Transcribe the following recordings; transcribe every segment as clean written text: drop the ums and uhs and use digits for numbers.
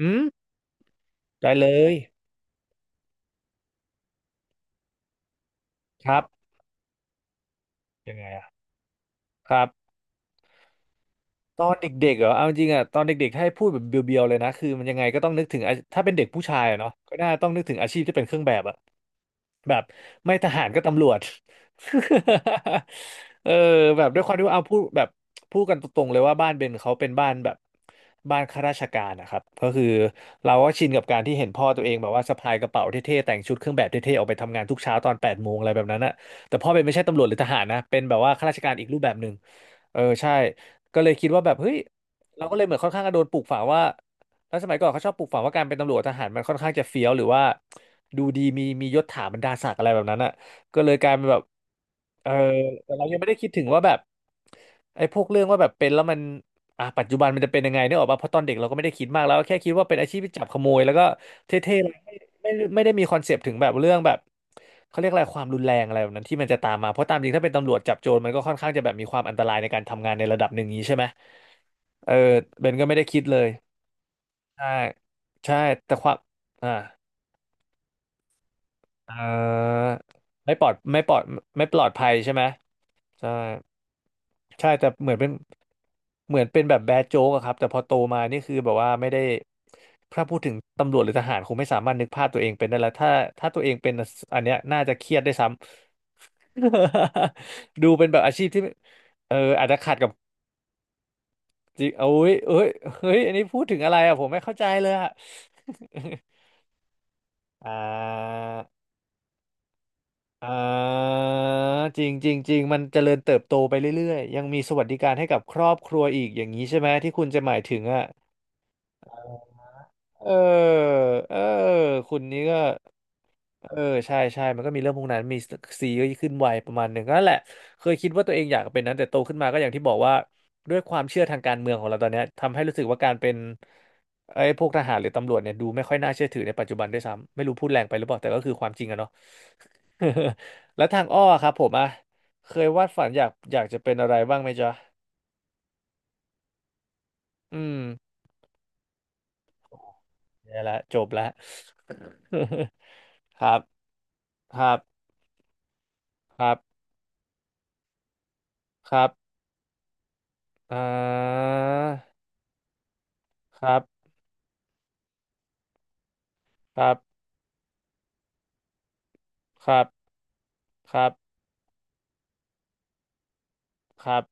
อืมได้เลยครับยังไงอ่ะครับตอนเด็กๆเหรอเอาจริงอ่ะตอนเด็กๆถ้าให้พูดแบบเบียวๆเลยนะคือมันยังไงก็ต้องนึกถึงอาถ้าเป็นเด็กผู้ชายอะเนาะก็น่าต้องนึกถึงอาชีพที่เป็นเครื่องแบบอะ แบบไม่ทหารก็ตำรวจ เออแบบด้วยความที่ว่าเอาพูดแบบพูดกันตรงๆเลยว่าบ้านเบนเขาเป็นบ้านข้าราชการนะครับก็คือเราก็ชินกับการที่เห็นพ่อตัวเองแบบว่าสะพายกระเป๋าเท่ๆแต่งชุดเครื่องแบบเท่ๆออกไปทำงานทุกเช้าตอนแปดโมงอะไรแบบนั้นอะแต่พ่อเบนไม่ใช่ตำรวจหรือทหารนะเป็นแบบว่าข้าราชการอีกรูปแบบหนึ่งเออใช่ก็เลยคิดว่าแบบเฮ้ยเราก็เลยเหมือนค่อนข้างจะโดนปลูกฝังว่า แล้วสมัยก่อนเขาชอบปลูกฝังว่าการเป็นตำรวจทหารมันค่อนข้างจะเฟี้ยวหรือว่าดูดีมียศถาบรรดาศักดิ์อะไรแบบนั้นอ่ะก็เลยกลายเป็นแบบเออแต่เรายังไม่ได้คิดถึงว่าแบบไอ้พวกเรื่องว่าแบบเป็นแล้วมันอ่ะปัจจุบันมันจะเป็นยังไงเนี่ยออกมาเพราะตอนเด็กเราก็ไม่ได้คิดมากแล้วแค่คิดว่าเป็นอาชีพที่จับขโมยแล้วก็เท่ๆแล้วไม่ได้มีคอนเซปต์ถึงแบบเรื่องแบบเขาเรียกอะไรความรุนแรงอะไรแบบนั้นที่มันจะตามมาเพราะตามจริงถ้าเป็นตำรวจจับโจรมันก็ค่อนข้างจะแบบมีความอันตรายในการทำงานในระดับหนึ่งนี้ใช่ไหมเออเบนก็ไม่ได้คิดเลย ใช่ใช่แต่ความอ่าเออไม่ปลอดไม่ปลอดไม่ปลอดภัยใช่ไหมใช่ใช่แต่เหมือนเป็นแบบแบดโจ๊กอะครับแต่พอโตมานี่คือแบบว่าไม่ได้ถ้าพูดถึงตำรวจหรือทหารคงไม่สามารถนึกภาพตัวเองเป็นได้แล้วถ้าตัวเองเป็นอันเนี้ยน่าจะเครียดได้วยซ้ำ ดูเป็นแบบอาชีพที่เอออาจจะขัดกับจริงโอ้ยเอ้ยเฮ้ยอันนี้พูดถึงอะไรอะผมไม่เข้าใจเลยอะ อ่า อ่าจริงจริงจริงมันเจริญเติบโตไปเรื่อยๆยังมีสวัสดิการให้กับครอบครัวอีกอย่างนี้ใช่ไหมที่คุณจะหมายถึงอ่ะเออเออคุณนี้ก็เออใช่ใช่มันก็มีเรื่องพวกนั้นมีซีก็ขึ้นไวประมาณหนึ่งก็นั่นแหละเคยคิดว่าตัวเองอยากเป็นนั้นแต่โตขึ้นมาก็อย่างที่บอกว่าด้วยความเชื่อทางการเมืองของเราตอนเนี้ยทำให้รู้สึกว่าการเป็นไอ้พวกทหารหรือตำรวจเนี่ยดูไม่ค่อยน่าเชื่อถือในปัจจุบันด้วยซ้ำไม่รู้พูดแรงไปหรือเปล่าแต่ก็คือความจริงอะเนาะ แล้วทางอ้อครับผมอะเคยวาดฝันอยากจะเป็นอะไรบ้างไหมจ๊ะอืมเนี่ยละจบละ ครับครับครับครับอ่าครับครับครับครับครับ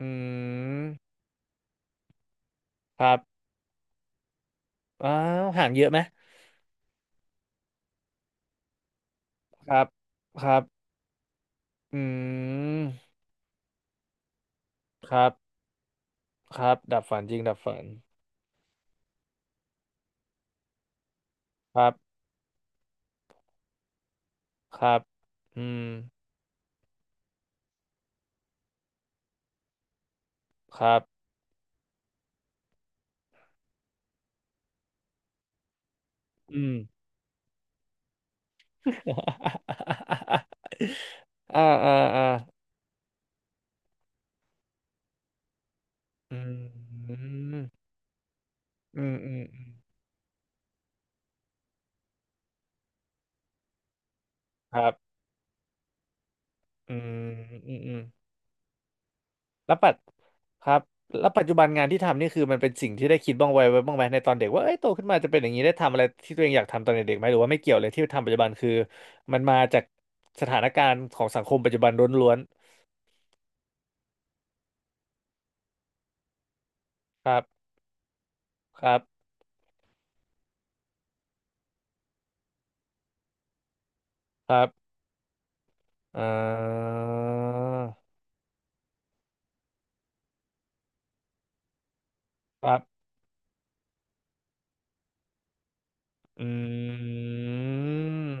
อืมครับอ้าวห่างเยอะไหมครับครับอืมครับครับดับฝันจริงดับฝันครับครับอืมครับอืม อ่าอ่าอ่าอืมอืมอืมอืมครับ อืมอืมอืมแล้วปัจครับแล้วปัจจุบันงานที่ทำนี่คือมันเป็นสิ่งที่ได้คิดบ้างไว้บ้างไหมในตอนเด็กว่าเอ้ยโตขึ้นมาจะเป็นอย่างนี้ได้ทำอะไรที่ตัวเองอยากทำตอนเด็กๆไหมหรือว่าไม่เกี่ยวเลยที่ทำปัจจุบันคือมันมาจากสถานการณ์ของสังคมปัจจุบันล้วนๆครับ ครับครับอ่าครับอื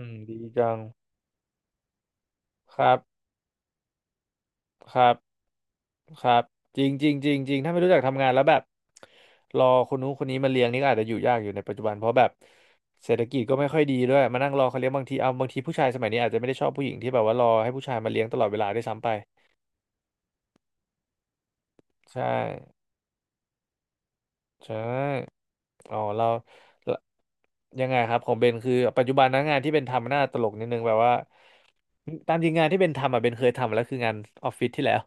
มดีจังครับ ครับครับจริงจริงจริงจริงถ้าไม่รู้จักทำงานแล้วแบบรอคนนู้นคนนี้มาเลี้ยงนี่ก็อาจจะอยู่ยากอยู่ในปัจจุบันเพราะแบบเศรษฐกิจก็ไม่ค่อยดีด้วยมานั่งรอเขาเลี้ยงบางทีเอาบางทีผู้ชายสมัยนี้อาจจะไม่ได้ชอบผู้หญิงที่แบบว่ารอให้ผู้ชายมาเลี้ยงตลอดเวลาได้วยซ้ำไปใช่ใช่ อ๋อเราเรายังไงครับของเบนคือปัจจุบันนะงานที่เบนทำมันน่าตลกนิดนึงแบบว่าตามจริงงานที่เบนทำอ่ะเบนเคยทำมาแล้วคืองานออฟฟิศที่แล้ว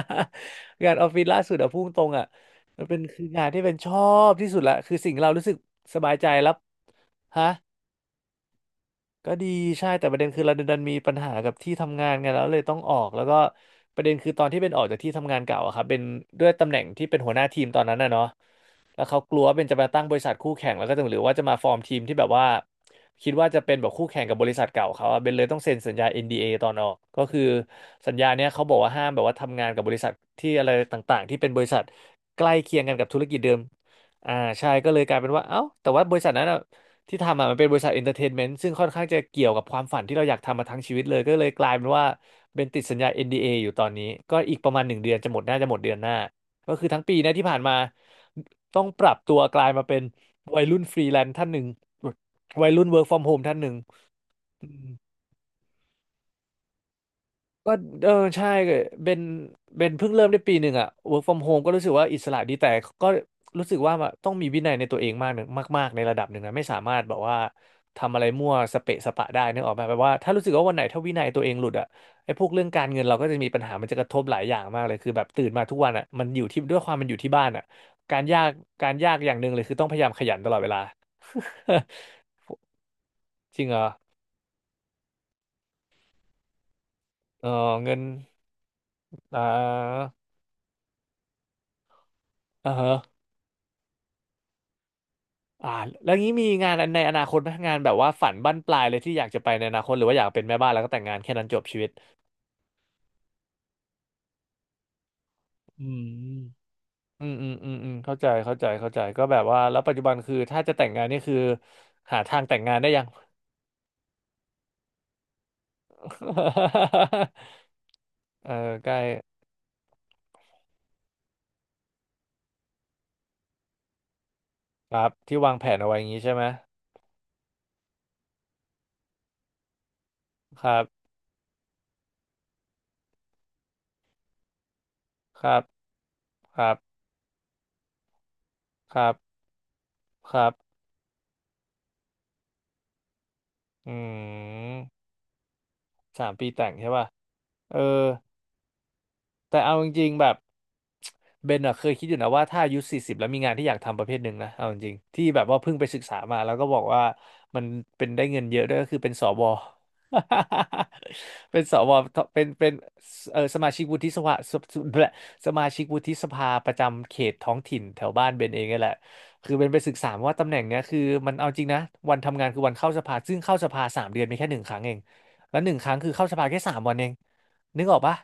งานออฟฟิศล่าสุดอ่ะพุ่งตรงๆอ่ะมันเป็นคืองานที่เบนชอบที่สุดละคือสิ่งเรารู้สึกสบายใจรับฮะ ก็ดีใช่แต่ประเด็นคือเราดันมีปัญหากับที่ทำงานไงแล้วเลยต้องออกแล้วก็ประเด็นคือตอนที่เป็นออกจากที่ทำงานเก่าอะครับเป็นด้วยตำแหน่งที่เป็นหัวหน้าทีมตอนนั้นนะเนาะแล้วเขากลัวว่าเป็นจะมาตั้งบริษัทคู่แข่งแล้วก็จะหรือว่าจะมาฟอร์มทีมที่แบบว่าคิดว่าจะเป็นแบบคู่แข่งกับบริษัทเก่าเขาอะเบนเลยต้องเซ็นสัญญา NDA ตอนออกก็คือสัญญาเนี้ยเขาบอกว่าห้ามแบบว่าทำงานกับบริษัทที่อะไรต่างๆที่เป็นบริษัทใกล้เคียงกันกับธุรกิจเดิมอ่าใช่ก็เลยกลายเป็นว่าเอ้าแต่ว่าบริษัทนั้นอะ ที่ทำอ่ะมันเป็นบริษัทเอนเตอร์เทนเมนต์ซึ่งค่อนข้างจะเกี่ยวกับความฝันที่เราอยากทำมาทั้งชีวิตเลย ก็เลยกลายเป็นว่าเป็นติดสัญญา NDA อนดีเออยู่ตอนนี้ ก็อีกประมาณ1 เดือนจะหมดน่าจะหมดเดือนหน้า ก็คือทั้งปีเนะที่ผ่านมาต้องปรับตัวกลายมาเป็นวัยรุ่นฟรีแลนซ์ท่านหนึ่งวัยรุ่นเวิร์กฟอร์มโฮมท่านหนึ่ง ก็เออใช่เป็นเป็นเพิ่งเริ่มได้ปีหนึ่งอะ work from home ก็รู้สึกว่าอิสระดีแต่ก็รู้สึกว่าต้องมีวินัยในตัวเองมากหนึ่งมากๆในระดับหนึ่งนะไม่สามารถแบบว่าทำอะไรมั่วสเปะสปะได้นึกออกไหมแบบว่าถ้ารู้สึกว่าวันไหนถ้าวินัยตัวเองหลุดอะไอ้พวกเรื่องการเงินเราก็จะมีปัญหามันจะกระทบหลายอย่างมากเลยคือแบบตื่นมาทุกวันอะมันอยู่ที่ด้วยความมันอยู่ที่บ้านอะการยากการยากอย่างหนึ่งเลยคือต้องพยายามขยันตลอดเวลา จริงเหรอเออเงินอ่าอ่าฮะ อ่าแล้วงี้มีงานในอนาคตไหมงานแบบว่าฝันบั้นปลายเลยที่อยากจะไปในอนาคตหรือว่าอยากเป็นแม่บ้านแล้วก็แต่งงานแค่นั้นจบชีวิตอืมอืมอืมอืมอืมเข้าใจเข้าใจเข้าใจก็แบบว่าแล้วปัจจุบันคือถ้าจะแต่งงานนี่คือหาทางแต่งงานได้ยัง เออใกล้ครับที่วางแผนเอาไว้อย่างนี้ใช่ไหมครับครับครับครับครับอืม3 ปีแต่งใช่ป่ะเออ แต่เอาจริงๆแบบเบนอะเคยคิดอยู่นะว่าถ้าอายุ40แล้วมีงานที่อยากทำประเภทหนึ่งนะเอาจริงๆที่แบบว่าเพิ่งไปศึกษามาแล้วก็บอกว่ามันเป็นได้เงินเยอะด้วยก็คือเป็นสว เป็นสวเป็นเป็นเออสมาชิกวุฒิสภาสแบะสมาชิกวุฒิสภาประจำเขตท้องถิ่นแถวบ้านเบนเองนี่แหละคือเบนไปศึกษามาว่าตำแหน่งเนี้ยคือมันเอาจริงนะวันทำงานคือวันเข้าสภาซึ่งเข้าสภา3 เดือนมีแค่หนึ่งครั้งเองแล้วหนึ่งครั้งคือเข้าสภาแค่3 วันเองนึกออกปะ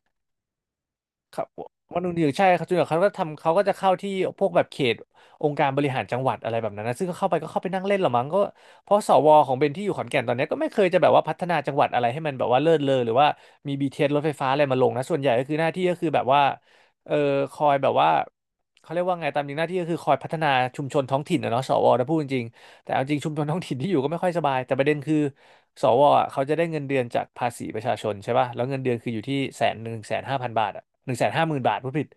ครับวันหนึ่งถึงใช่ครับจนกว่าเขาก็ทำเขาก็จะเข้าที่พวกแบบเขตองค์การบริหารจังหวัดอะไรแบบนั้นนะซึ่งก็เข้าไปนั่งเล่นหรอมั้งก็เพราะสวของเบนที่อยู่ขอนแก่นตอนเนี้ยก็ไม่เคยจะแบบว่าพัฒนาจังหวัดอะไรให้มันแบบว่าเลิศเลอหรือว่ามี BTS รถไฟฟ้าอะไรมาลงนะ ส่วนใหญ่ก็คือหน้าที่ก็คือแบบว่าเออคอยแบบว่าเขาเรียกว่าไงตามจริงหน้าที่ก็คือคอยพัฒนาชุมชนท้องถิ่นนะเนาะสวนะพูดจริง แต่เอาจริงชุมชนท้องถิ่นที่อยู่ก็ไม่ค่อยสบายแต่ประเด็นคือสวอ่ะเขาจะได้เงินเดือนจากภาษีประชาชนใช่ป่ะแล้วเงินเดือนคืออยู่ที่แสน105,000 บาทอ่ะ150,000 บาทผู้ผิด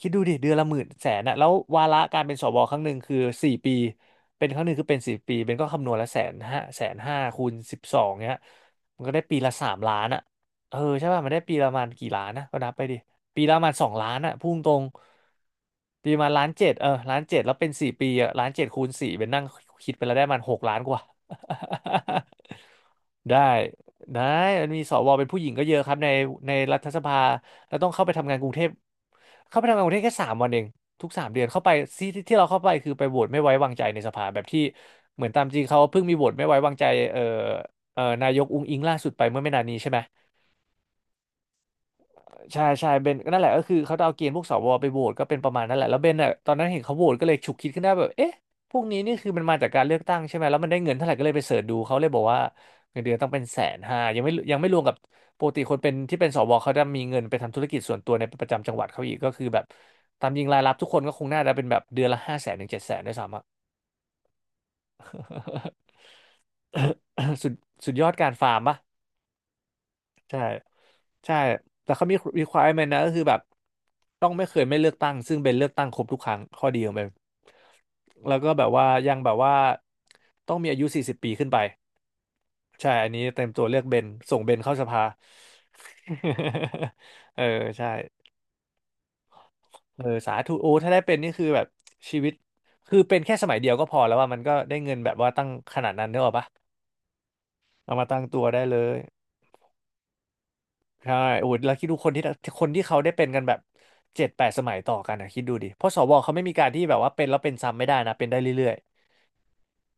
คิดดูดิเดือนละหมื่นแสนอะแล้ววาระการเป็นสวครั้งหนึ่งคือสี่ปีเป็นครั้งหนึ่งคือเป็นสี่ปีเป็นก็คำนวณละแสนห้าคูณ12เนี้ยมันก็ได้ปีละ3 ล้านอ่ะเออใช่ป่ะมันได้ปีละประมาณกี่ล้านนะก็นับไปดิ ปีละประมาณ2 ล้านอะพุ่งตรงปีประมาณล้านเจ็ดเออล้านเจ็ดแล้วเป็นสี่ปีอะล้านเจ็ดคูณสี่เป็นนั่งคิดไปแล้วได้มัน6 ล้านกว่า ได้ได้มันมีสวเป็นผู้หญิงก็เยอะครับในในรัฐสภาแล้วต้องเข้าไปทำงานกรุงเทพเข้าไปทำงานกรุงเทพแค่สามวันเองทุกสามเดือนเข้าไปที่ที่ที่เราเข้าไปคือไปโหวตไม่ไว้วางใจในสภาแบบที่เหมือนตามจริงเขาเพิ่งมีโหวตไม่ไว้วางใจเอ่อนายกอุ๊งอิ๊งล่าสุดไปเมื่อไม่นานนี้ใช่ไหม ใช่ใช่เบนก็นั่นแหละก็คือเขาจะเอาเกณฑ์พวกสวไปโหวตก็เป็นประมาณนั้นแหละแล้วเบนอ่ะตอนนั้นเห็นเขาโหวตก็เลยฉุกคิดขึ้นได้แบบเอ๊ะพวกนี้นี่คือมันมาจากการเลือกตั้งใช่ไหมแล้วมันได้เงินเท่าไหร่ก็เลยไปเสิร์ชดูเขาเลยบอกว่าเงินเดือนต้องเป็นแสนห้ายังไม่รวมกับปกติคนเป็นที่เป็นสวเขาจะมีเงินไปทำธุรกิจส่วนตัวในประจำจังหวัดเขาอีกก็คือแบบตามจริงรายรับทุกคนก็คงน่าจะเป็นแบบเดือนละห้าแสนถึงเจ็ดแสนด้วยซ้ำอะ สุดสุดยอดการฟาร์มปะ ใช่ใช่แต่เขามี requirement นะก็คือแบบต้องไม่เคยไม่เลือกตั้งซึ่งเป็นเลือกตั้งครบทุกครั้งข้อดีของเปนแล้วก็แบบว่ายังแบบว่าต้องมีอายุ40ปีขึ้นไปใช่อันนี้เต็มตัวเลือกเบนส่งเบนเข้าสภา เออใช่เออสาธุโอ้ถ้าได้เป็นนี่คือแบบชีวิตคือเป็นแค่สมัยเดียวก็พอแล้วว่ามันก็ได้เงินแบบว่าตั้งขนาดนั้นเนกอะปะเอามาตั้งตัวได้เลย ใช่โอ้โหแล้วคิดดูคนที่คนที่เขาได้เป็นกันแบบเจ็ดแปดสมัยต่อกันนะคิดดูดิเพราะสวเขาไม่มีการที่แบบว่าเป็นแล้วเป็นซ้ำไม่ได้นะเป็นได้เรื่อย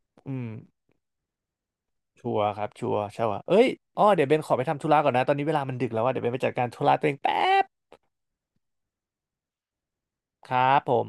ๆอืมชัวร์ครับชัวร์ใช่ว่ะเอ้ยอ้อเดี๋ยวเบนขอไปทำธุระก่อนนะตอนนี้เวลามันดึกแล้วว่าเดี๋ยวเบนไปจัดการธุระตัวเองแป๊บครับผม